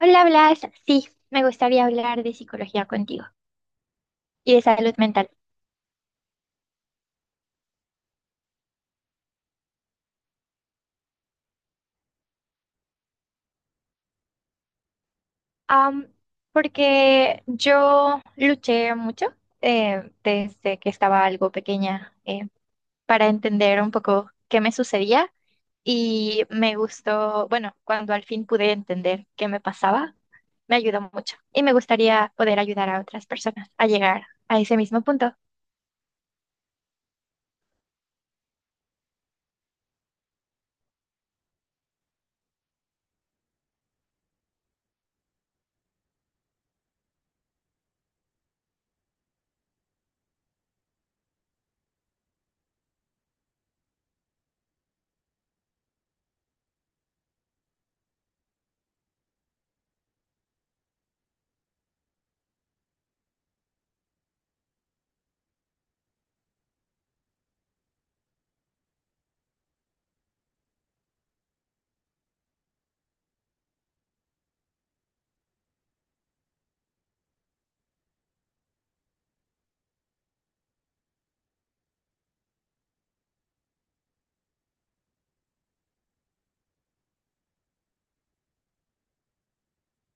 Hola, Blas. Sí, me gustaría hablar de psicología contigo y de salud mental. Am, Porque yo luché mucho desde que estaba algo pequeña para entender un poco qué me sucedía y me gustó, bueno, cuando al fin pude entender qué me pasaba, me ayudó mucho y me gustaría poder ayudar a otras personas a llegar a ese mismo punto.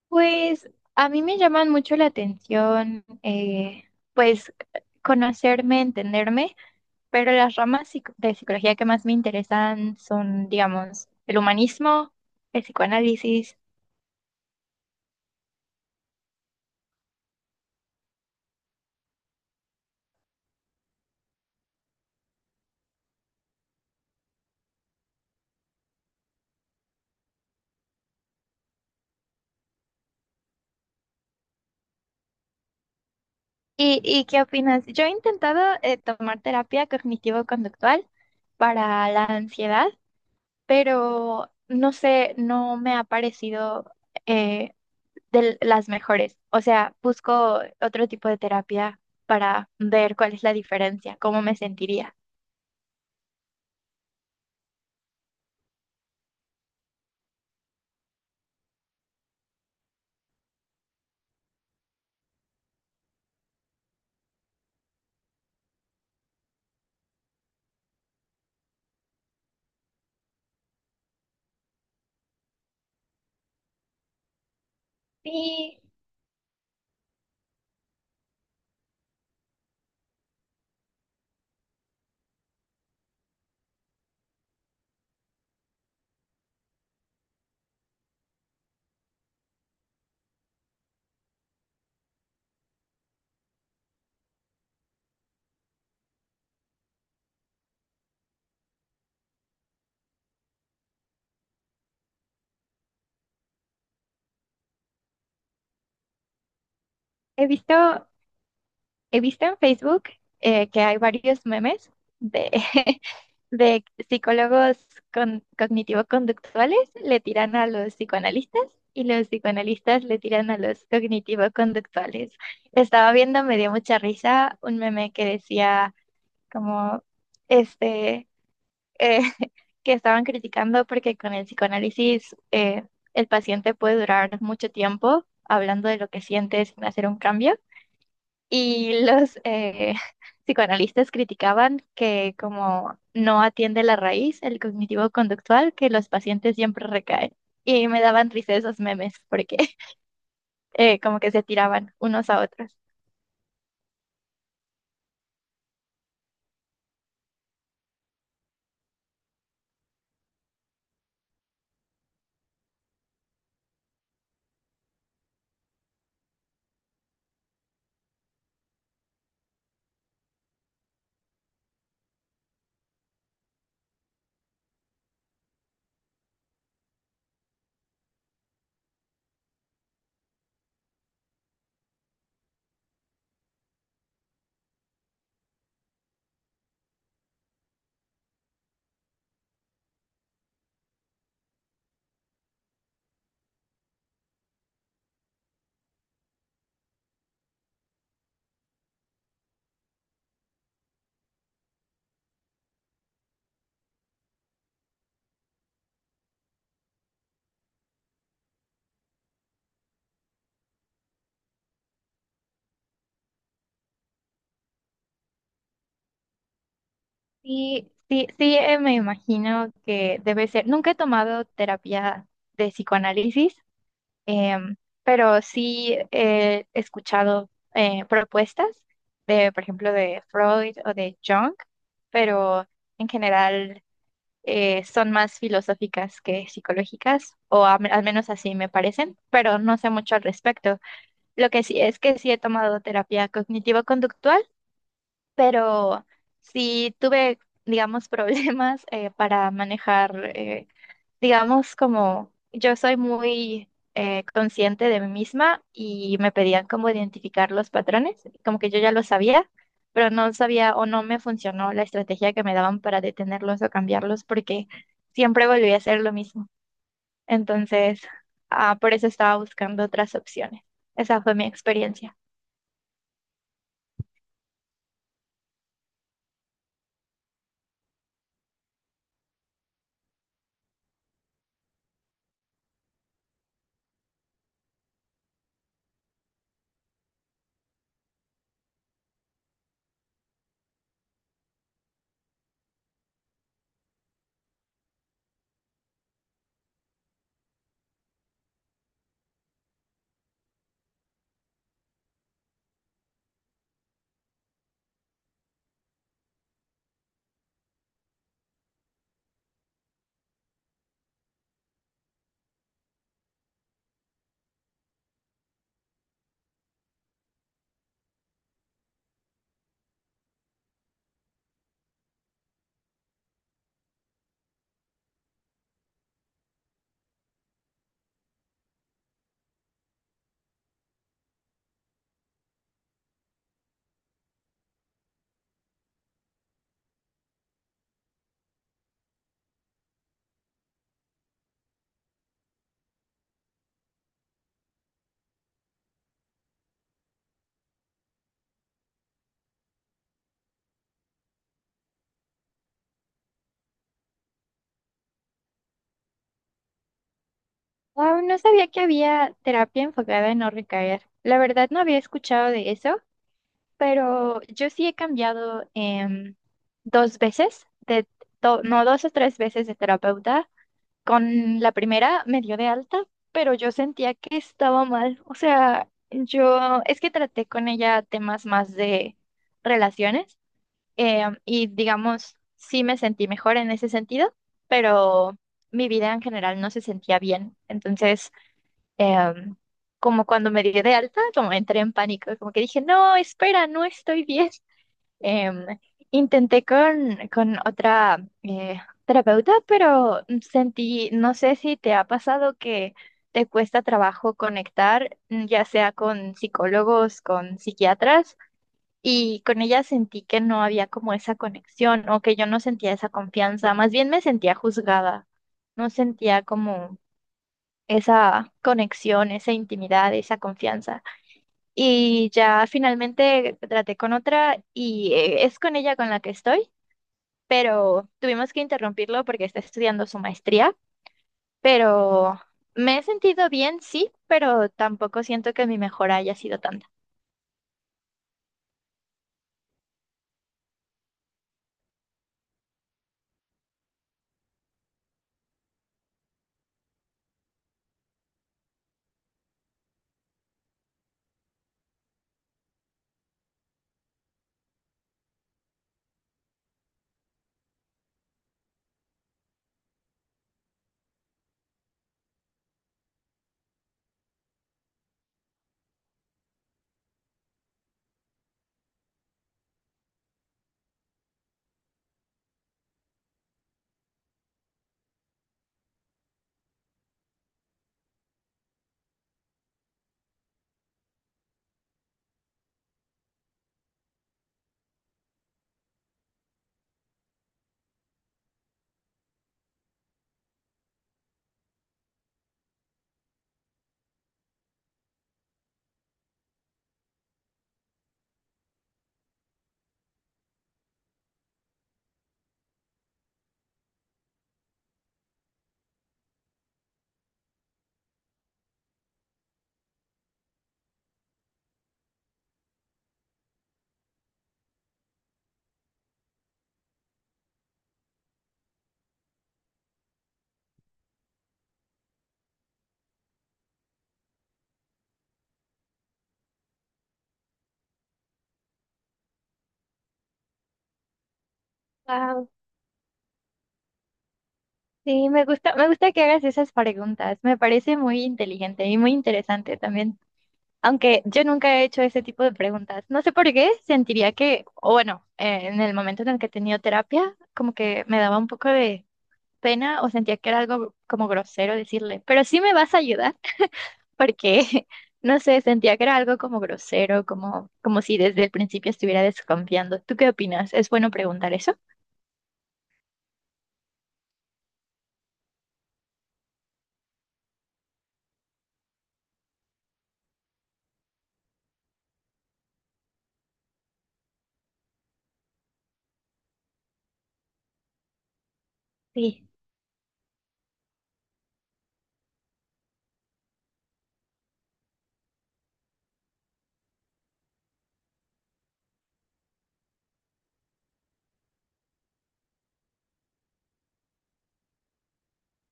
Pues a mí me llaman mucho la atención, pues conocerme, entenderme, pero las ramas de psicología que más me interesan son, digamos, el humanismo, el psicoanálisis. ¿Y qué opinas? Yo he intentado tomar terapia cognitivo-conductual para la ansiedad, pero no sé, no me ha parecido... eh, de las mejores. O sea, busco otro tipo de terapia para ver cuál es la diferencia, cómo me sentiría. Sí, he visto, he visto en Facebook que hay varios memes de, de psicólogos cognitivo-conductuales le tiran a los psicoanalistas y los psicoanalistas le tiran a los cognitivo-conductuales. Estaba viendo, me dio mucha risa, un meme que decía como, este, eh, que estaban criticando porque con el psicoanálisis el paciente puede durar mucho tiempo hablando de lo que siente sin hacer un cambio. Y los psicoanalistas criticaban que como no atiende la raíz, el cognitivo conductual, que los pacientes siempre recaen. Y me daban risa esos memes porque como que se tiraban unos a otros. Sí, sí, sí, me imagino que debe ser. Nunca he tomado terapia de psicoanálisis, Em, pero sí he escuchado propuestas de, por ejemplo, de Freud o de Jung, pero en general son más filosóficas que psicológicas, o al menos así me parecen, pero no sé mucho al respecto. Lo que sí es que sí he tomado terapia cognitivo-conductual, pero sí tuve, digamos, problemas para manejar. Digamos, como yo soy muy consciente de mí misma y me pedían como identificar los patrones, como que yo ya lo sabía, pero no sabía o no me funcionó la estrategia que me daban para detenerlos o cambiarlos porque siempre volví a hacer lo mismo. Entonces, ah, por eso estaba buscando otras opciones. Esa fue mi experiencia. Wow, no sabía que había terapia enfocada en no recaer. La verdad no había escuchado de eso. Pero yo sí he cambiado dos veces, no dos o tres veces de terapeuta. Con la primera me dio de alta, pero yo sentía que estaba mal. O sea, yo es que traté con ella temas más de relaciones y digamos, sí me sentí mejor en ese sentido, pero mi vida en general no se sentía bien. Entonces, em, como cuando me dio de alta, como entré en pánico, como que dije, no, espera, no estoy bien. Em, Intenté con otra terapeuta, pero sentí, no sé si te ha pasado que te cuesta trabajo conectar, ya sea con psicólogos, con psiquiatras, y con ella sentí que no había como esa conexión o que yo no sentía esa confianza, más bien me sentía juzgada, no sentía como esa conexión, esa intimidad, esa confianza. Y ya finalmente traté con otra y es con ella con la que estoy, pero tuvimos que interrumpirlo porque está estudiando su maestría, pero me he sentido bien, sí, pero tampoco siento que mi mejora haya sido tanta. Wow, sí, me gusta que hagas esas preguntas, me parece muy inteligente y muy interesante también. Aunque yo nunca he hecho ese tipo de preguntas. No sé por qué, sentiría que, o bueno, en el momento en el que he tenido terapia, como que me daba un poco de pena o sentía que era algo como grosero decirle, pero sí me vas a ayudar, porque, no sé, sentía que era algo como grosero, como si desde el principio estuviera desconfiando. ¿Tú qué opinas? ¿Es bueno preguntar eso? Sí,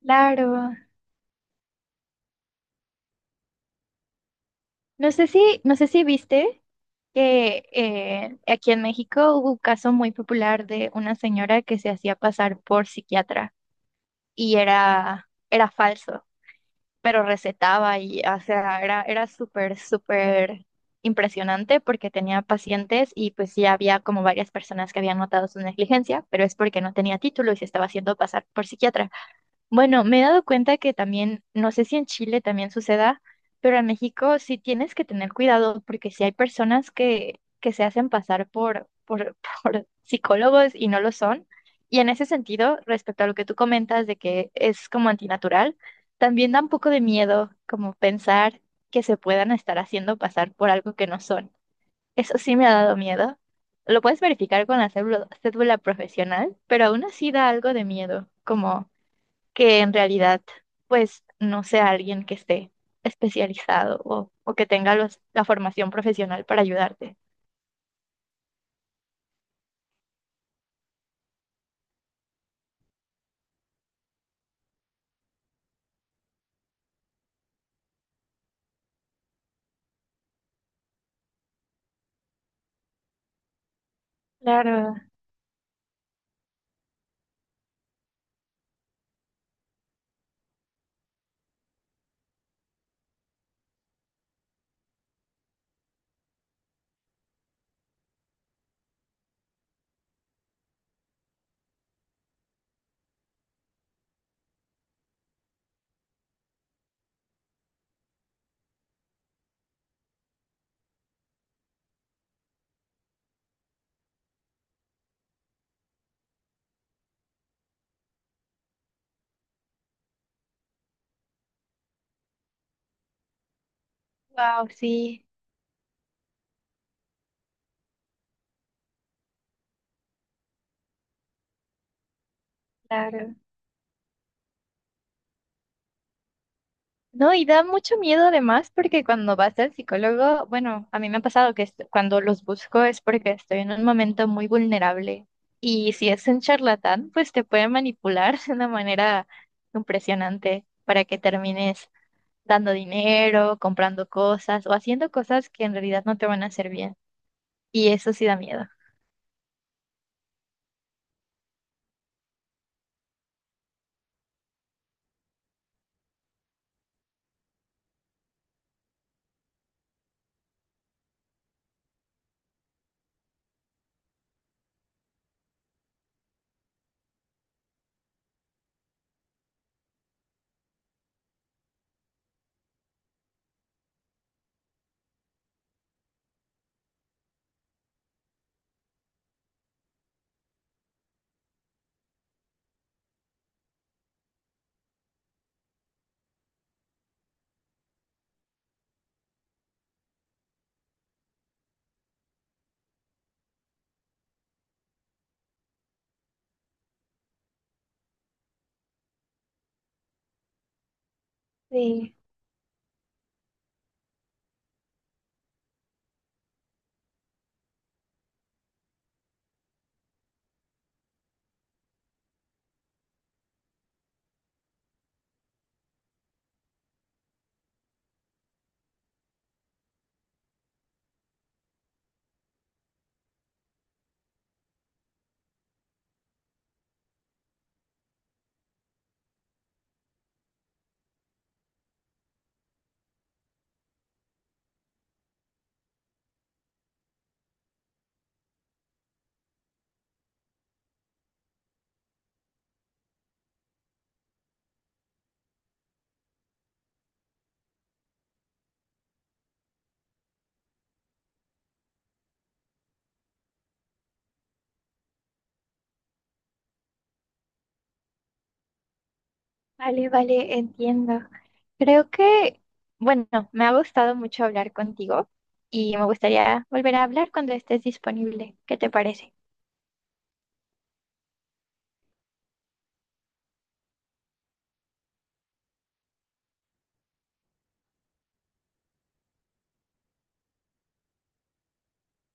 claro. No sé si viste que aquí en México hubo un caso muy popular de una señora que se hacía pasar por psiquiatra y era falso. Pero recetaba y, o sea, era súper, súper impresionante porque tenía pacientes y pues sí había como varias personas que habían notado su negligencia, pero es porque no tenía título y se estaba haciendo pasar por psiquiatra. Bueno, me he dado cuenta que también, no sé si en Chile también suceda, pero en México sí tienes que tener cuidado porque sí hay personas que se hacen pasar por psicólogos y no lo son. Y en ese sentido, respecto a lo que tú comentas de que es como antinatural, también da un poco de miedo como pensar que se puedan estar haciendo pasar por algo que no son. Eso sí me ha dado miedo. Lo puedes verificar con la cédula, cédula profesional, pero aún así da algo de miedo, como que en realidad, pues, no sea alguien que esté especializado o que tenga los, la formación profesional para ayudarte. Claro, wow, sí, claro. No, y da mucho miedo además porque cuando vas al psicólogo, bueno, a mí me ha pasado cuando los busco es porque estoy en un momento muy vulnerable y si es un charlatán, pues te puede manipular de una manera impresionante para que termines dando dinero, comprando cosas o haciendo cosas que en realidad no te van a hacer bien. Y eso sí da miedo. Sí, vale, vale, entiendo. Creo que, bueno, me ha gustado mucho hablar contigo y me gustaría volver a hablar cuando estés disponible. ¿Qué te parece?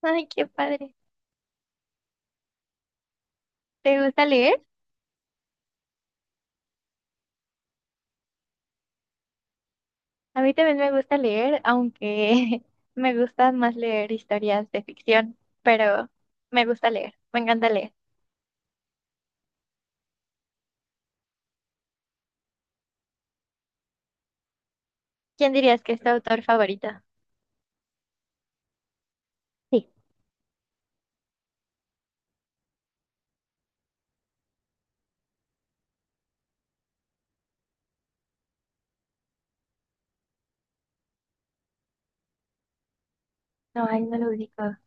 Ay, qué padre. ¿Te gusta leer? A mí también me gusta leer, aunque me gusta más leer historias de ficción, pero me gusta leer, me encanta leer. ¿Quién dirías que es tu autor favorito? Sí, no, ahí no lo ubico.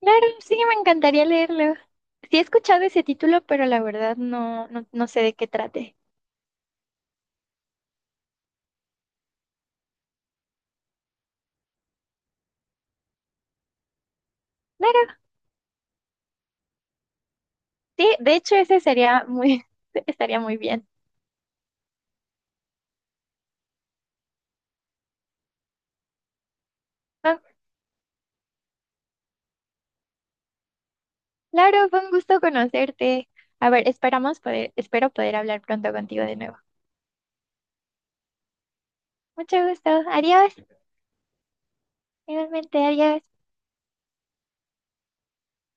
Claro, sí, me encantaría leerlo. Sí he escuchado ese título, pero la verdad no sé de qué trate. Claro, sí, de hecho ese sería muy, estaría muy bien. Ah, claro, fue un gusto conocerte. A ver, esperamos poder, espero poder hablar pronto contigo de nuevo. Mucho gusto. Adiós. Igualmente, adiós.